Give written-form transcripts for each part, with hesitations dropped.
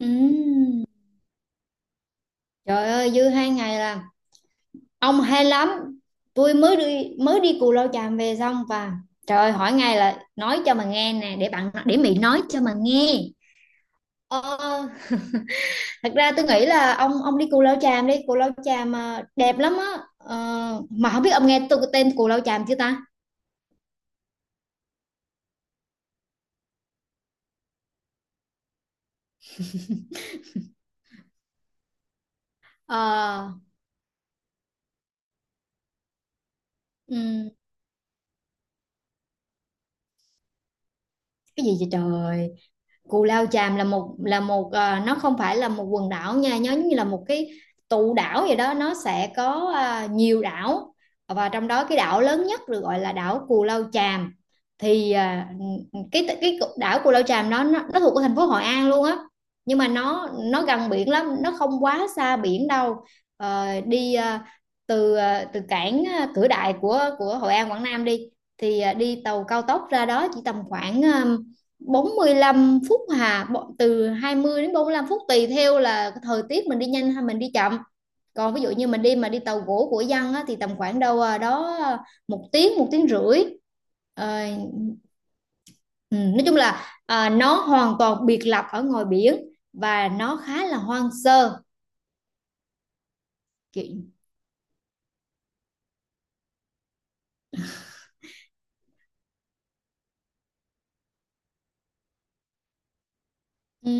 Ừm, Trời ơi dư 2 ngày là ông hay lắm. Tôi mới đi Cù Lao Chàm về xong. Và trời ơi hỏi ngay là nói cho mà nghe nè, để bạn, để Mỹ nói cho mà nghe. ờ, Thật ra tôi nghĩ là ông đi Cù Lao Chàm đi Cù Lao Chàm à, đẹp lắm á. Ờ, mà không biết ông nghe tôi tên Cù Lao Chàm chưa ta. Ờ, ừm, cái gì vậy trời? Cù Lao Chàm là nó không phải là một quần đảo nha, nhớ, như là một cái tụ đảo vậy đó. Nó sẽ có nhiều đảo, và trong đó cái đảo lớn nhất được gọi là đảo Cù Lao Chàm. Thì à, cái cái đảo Cù Lao Chàm đó nó thuộc của thành phố Hội An luôn á. Nhưng mà nó gần biển lắm, nó không quá xa biển đâu. Ờ, đi à, từ à, Từ cảng Cửa Đại của Hội An Quảng Nam đi, đi tàu cao tốc ra đó chỉ tầm khoảng 45 phút hà, từ 20 đến 45 phút tùy theo là thời tiết mình đi nhanh hay mình đi chậm. Còn ví dụ như mình đi mà đi tàu gỗ của dân á, thì tầm khoảng đâu đó một tiếng, một tiếng rưỡi. Ờ, ừ, nói chung là nó hoàn toàn biệt lập ở ngoài biển, và nó khá là hoang sơ, kiểu, ừ.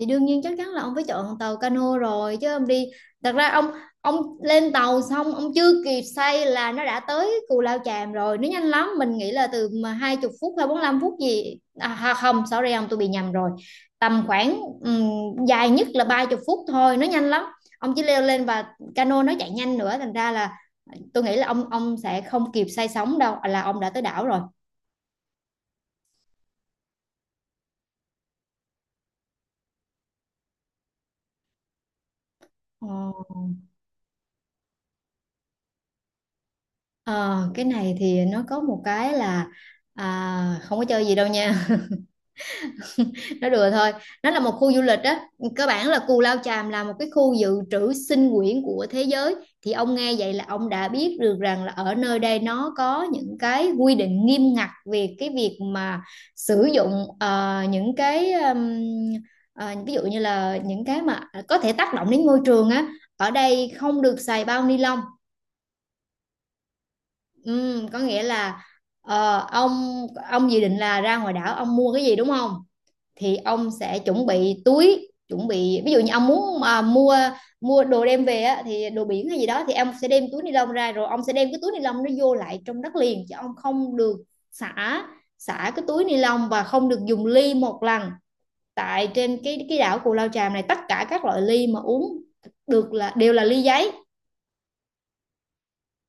Thì đương nhiên chắc chắn là ông phải chọn tàu cano rồi, chứ ông đi, thật ra ông lên tàu xong ông chưa kịp say là nó đã tới Cù Lao Chàm rồi, nó nhanh lắm. Mình nghĩ là từ 20 phút hay 45 phút gì không, sorry ông, tôi bị nhầm rồi. Tầm khoảng dài nhất là 30 phút thôi, nó nhanh lắm. Ông chỉ leo lên và cano nó chạy nhanh nữa, thành ra là tôi nghĩ là ông sẽ không kịp say sóng đâu là ông đã tới đảo rồi. Ờ. Ờ, cái này thì nó có một cái là không có chơi gì đâu nha, nó đùa thôi. Nó là một khu du lịch á, cơ bản là Cù Lao Chàm là một cái khu dự trữ sinh quyển của thế giới. Thì ông nghe vậy là ông đã biết được rằng là ở nơi đây nó có những cái quy định nghiêm ngặt về cái việc mà sử dụng những cái ví dụ như là những cái mà có thể tác động đến môi trường á, ở đây không được xài bao ni lông. Ừ, có nghĩa là ông dự định là ra ngoài đảo ông mua cái gì, đúng không? Thì ông sẽ chuẩn bị túi, chuẩn bị ví dụ như ông muốn mà mua mua đồ đem về á, thì đồ biển hay gì đó, thì ông sẽ đem túi ni lông ra rồi ông sẽ đem cái túi ni lông nó vô lại trong đất liền, chứ ông không được xả xả cái túi ni lông, và không được dùng ly một lần. Tại trên cái đảo Cù Lao Chàm này, tất cả các loại ly mà uống được là đều là ly giấy.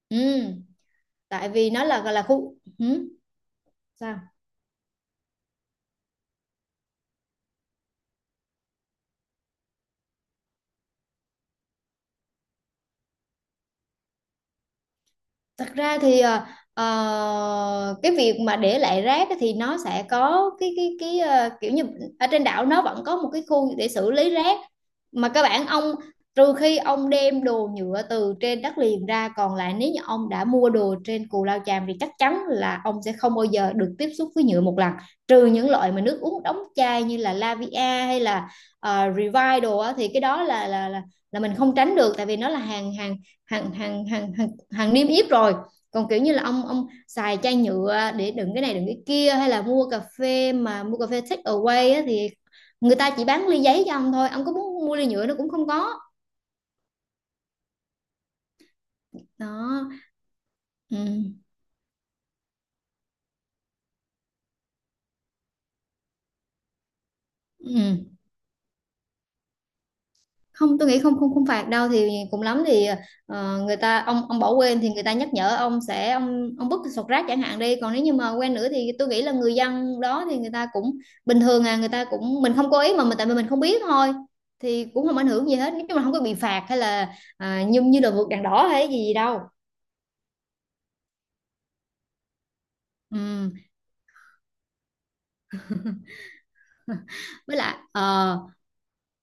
Ừ, tại vì nó là khu, ừ, sao? Thật ra thì cái việc mà để lại rác á thì nó sẽ có cái kiểu như ở trên đảo nó vẫn có một cái khu để xử lý rác mà các bạn ông, trừ khi ông đem đồ nhựa từ trên đất liền ra, còn lại nếu như ông đã mua đồ trên Cù Lao Chàm thì chắc chắn là ông sẽ không bao giờ được tiếp xúc với nhựa một lần, trừ những loại mà nước uống đóng chai như là Lavia hay là Revive đồ á, thì cái đó là là mình không tránh được, tại vì nó là hàng hàng hàng hàng hàng hàng niêm yết rồi. Còn kiểu như là ông xài chai nhựa để đựng cái này đựng cái kia, hay là mua cà phê take away á, thì người ta chỉ bán ly giấy cho ông thôi, ông có muốn mua ly nhựa nó cũng không có, đó. Ừ. Ừ. Không, tôi nghĩ không, không phạt đâu. Thì cùng lắm thì người ta, ông bỏ quên thì người ta nhắc nhở ông sẽ, ông vứt sọt rác chẳng hạn đi. Còn nếu như mà quên nữa thì tôi nghĩ là người dân đó thì người ta cũng bình thường à, người ta cũng, mình không cố ý mà, mình tại vì mình không biết thôi, thì cũng không ảnh hưởng gì hết, nói chung là không có bị phạt hay là như như là vượt đèn đỏ hay gì đâu. Ừ. Với lại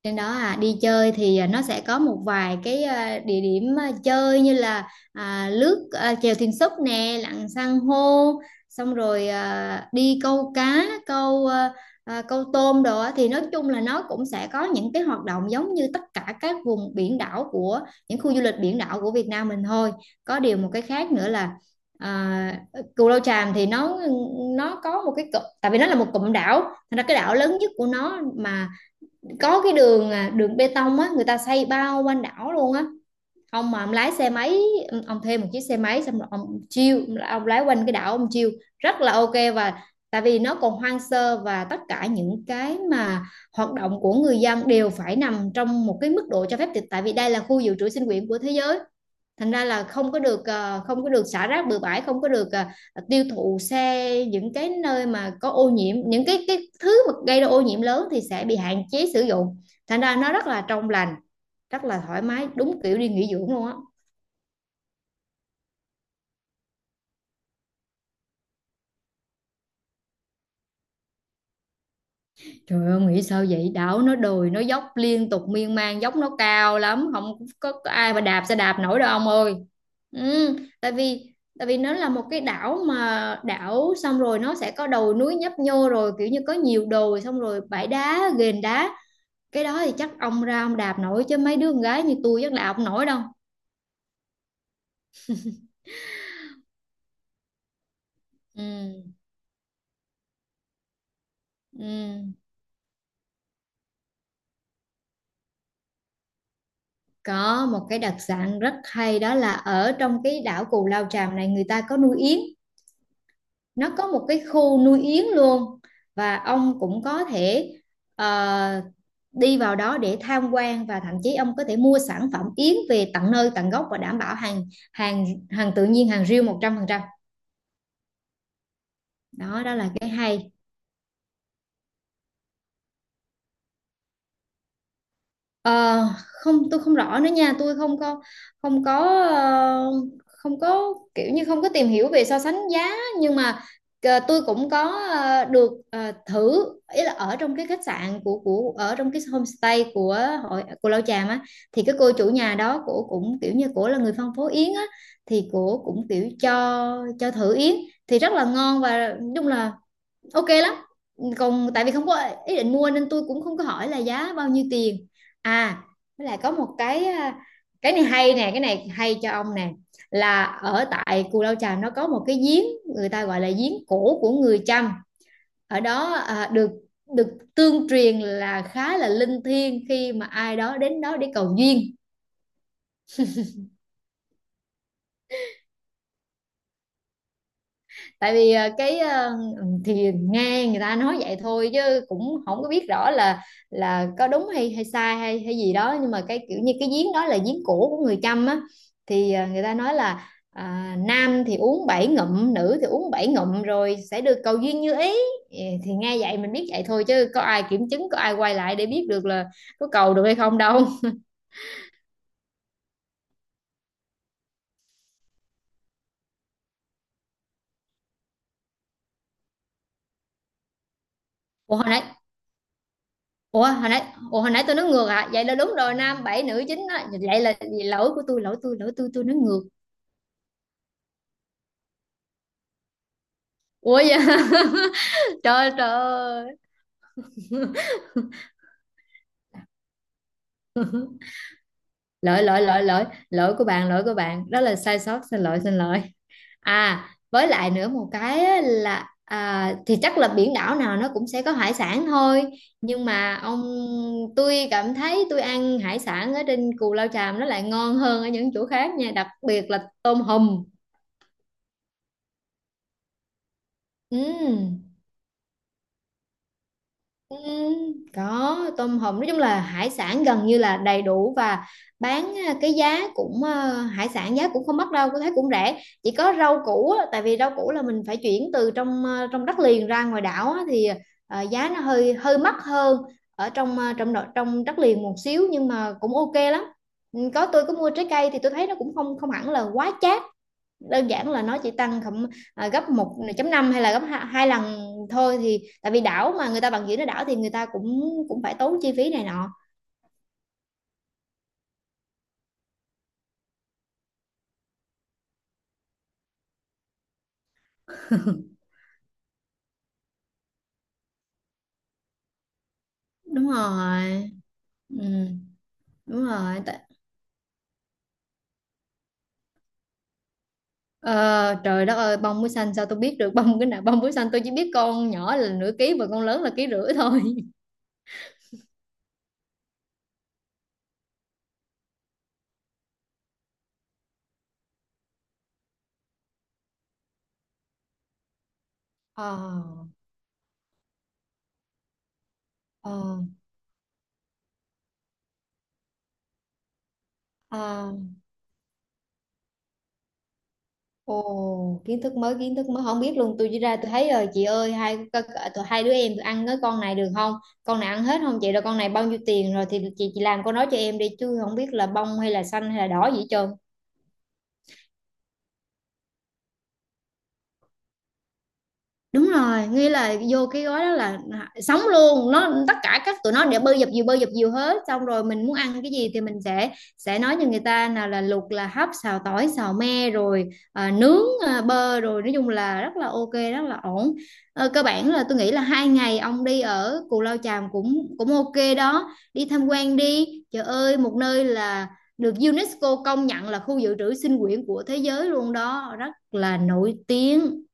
trên đó à đi chơi thì nó sẽ có một vài cái địa điểm chơi như là lướt chèo thuyền súp nè, lặn san hô, xong rồi đi câu cá, câu tôm đồ á. Thì nói chung là nó cũng sẽ có những cái hoạt động giống như tất cả các vùng biển đảo của những khu du lịch biển đảo của Việt Nam mình thôi. Có điều một cái khác nữa là À, Cù Lao Chàm thì nó có một cái cụm, tại vì nó là một cụm đảo. Thành ra cái đảo lớn nhất của nó mà có cái đường bê tông á, người ta xây bao quanh đảo luôn á. Ông mà ông lái xe máy, ông thuê một chiếc xe máy xong rồi ông chiêu, ông lái quanh cái đảo ông chiêu, rất là ok. Và tại vì nó còn hoang sơ, và tất cả những cái mà hoạt động của người dân đều phải nằm trong một cái mức độ cho phép, tại vì đây là khu dự trữ sinh quyển của thế giới. Thành ra là không có được không có được xả rác bừa bãi, không có được tiêu thụ xe, những cái nơi mà có ô nhiễm, những cái thứ mà gây ra ô nhiễm lớn thì sẽ bị hạn chế sử dụng. Thành ra nó rất là trong lành, rất là thoải mái, đúng kiểu đi nghỉ dưỡng luôn á. Trời ơi nghĩ sao vậy, đảo nó đồi, nó dốc liên tục miên man, dốc nó cao lắm, không có, có ai mà đạp xe đạp nổi đâu ông ơi. Ừ, tại vì nó là một cái đảo, mà đảo xong rồi nó sẽ có đồi núi nhấp nhô, rồi kiểu như có nhiều đồi, xong rồi bãi đá, ghềnh đá. Cái đó thì chắc ông ra ông đạp nổi, chứ mấy đứa con gái như tôi chắc đạp không nổi đâu. Ừ, ừ. Có một cái đặc sản rất hay đó là ở trong cái đảo Cù Lao Chàm này người ta có nuôi yến. Nó có một cái khu nuôi yến luôn, và ông cũng có thể ờ, đi vào đó để tham quan, và thậm chí ông có thể mua sản phẩm yến về tận nơi tận gốc và đảm bảo hàng hàng hàng tự nhiên, hàng riêu 100%. Đó đó là cái hay. Ờ, không, tôi không rõ nữa nha, tôi không có, không có, ờ, không có kiểu như không có tìm hiểu về so sánh giá. Nhưng mà tôi cũng có thử, ý là ở trong cái khách sạn của ở trong cái homestay của hội của Lao Chàm á, thì cái cô chủ nhà đó của cũng kiểu như của là người phân phối yến á, thì của cũng kiểu cho thử yến, thì rất là ngon và đúng là ok lắm. Còn tại vì không có ý định mua nên tôi cũng không có hỏi là giá bao nhiêu tiền à. Với lại có một cái cái này hay nè, cái này hay cho ông nè, là ở tại Cù Lao Chàm nó có một cái giếng, người ta gọi là giếng cổ của người Chăm. Ở đó à, được được tương truyền là khá là linh thiêng khi mà ai đó đến đó để cầu duyên. Tại vì thì nghe người ta nói vậy thôi, chứ cũng không có biết rõ là có đúng hay hay sai hay hay gì đó. Nhưng mà cái kiểu như cái giếng đó là giếng cổ của người Chăm á, thì người ta nói là nam thì uống 7 ngụm, nữ thì uống 7 ngụm rồi sẽ được cầu duyên như ý. Ừ, thì nghe vậy mình biết vậy thôi, chứ có ai kiểm chứng, có ai quay lại để biết được là có cầu được hay không đâu. Ủa hồi nãy ủa hồi nãy ủa hồi nãy tôi nói ngược à, vậy là đúng rồi, nam bảy nữ chín á, vậy là lỗi của tôi, lỗi tôi, tôi nói ngược. Ủa dạ trời trời ơi. Lỗi lỗi lỗi lỗi lỗi của bạn đó là sai sót, xin lỗi xin lỗi. À với lại nữa một cái á là thì chắc là biển đảo nào nó cũng sẽ có hải sản thôi, nhưng mà ông, tôi cảm thấy tôi ăn hải sản ở trên Cù Lao Chàm nó lại ngon hơn ở những chỗ khác nha, đặc biệt là tôm hùm. Ừ. Ừ, có tôm hùm, nói chung là hải sản gần như là đầy đủ, và bán cái giá cũng hải sản giá cũng không mắc đâu, có thấy cũng rẻ. Chỉ có rau củ á, tại vì rau củ là mình phải chuyển từ trong trong đất liền ra ngoài đảo á, thì giá nó hơi hơi mắc hơn ở trong trong nội- trong đất liền một xíu, nhưng mà cũng ok lắm. Ừ, có tôi có mua trái cây thì tôi thấy nó cũng không không hẳn là quá chát, đơn giản là nó chỉ tăng khoảng gấp 1.5 hay là gấp hai lần thôi, thì tại vì đảo mà người ta bằng dưỡng nó đảo thì người ta cũng cũng phải tốn chi phí này nọ. Đúng rồi. Ừ, đúng rồi. Tại- Ờ, trời đất ơi, bông muối xanh sao tôi biết được, bông cái nào bông muối xanh, tôi chỉ biết con nhỏ là nửa ký và con lớn là ký rưỡi thôi. Ờ. Ờ. Ờ. Ồ, kiến thức mới, kiến thức mới, không biết luôn. Tôi chỉ ra tôi thấy rồi chị ơi, hai tụi, hai đứa em tụi ăn cái con này được không? Con này ăn hết không chị? Rồi con này bao nhiêu tiền rồi thì chị làm con đó cho em đi, chứ không biết là bông hay là xanh hay là đỏ gì hết trơn. Đúng rồi, nghĩa là vô cái gói đó là sống luôn nó, tất cả các tụi nó để bơi dập dìu, bơi dập dìu hết, xong rồi mình muốn ăn cái gì thì mình sẽ nói cho người ta nào là luộc, là hấp, xào tỏi, xào me, rồi nướng bơ, rồi nói chung là rất là ok, rất là ổn. Ờ, cơ bản là tôi nghĩ là 2 ngày ông đi ở Cù Lao Chàm cũng cũng ok đó, đi tham quan đi, trời ơi một nơi là được UNESCO công nhận là khu dự trữ sinh quyển của thế giới luôn đó, rất là nổi tiếng.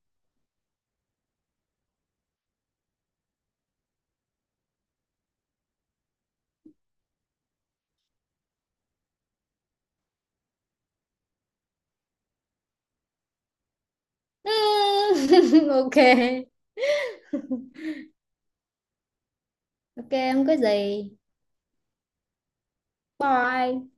Ok, ok, không có gì. Bye.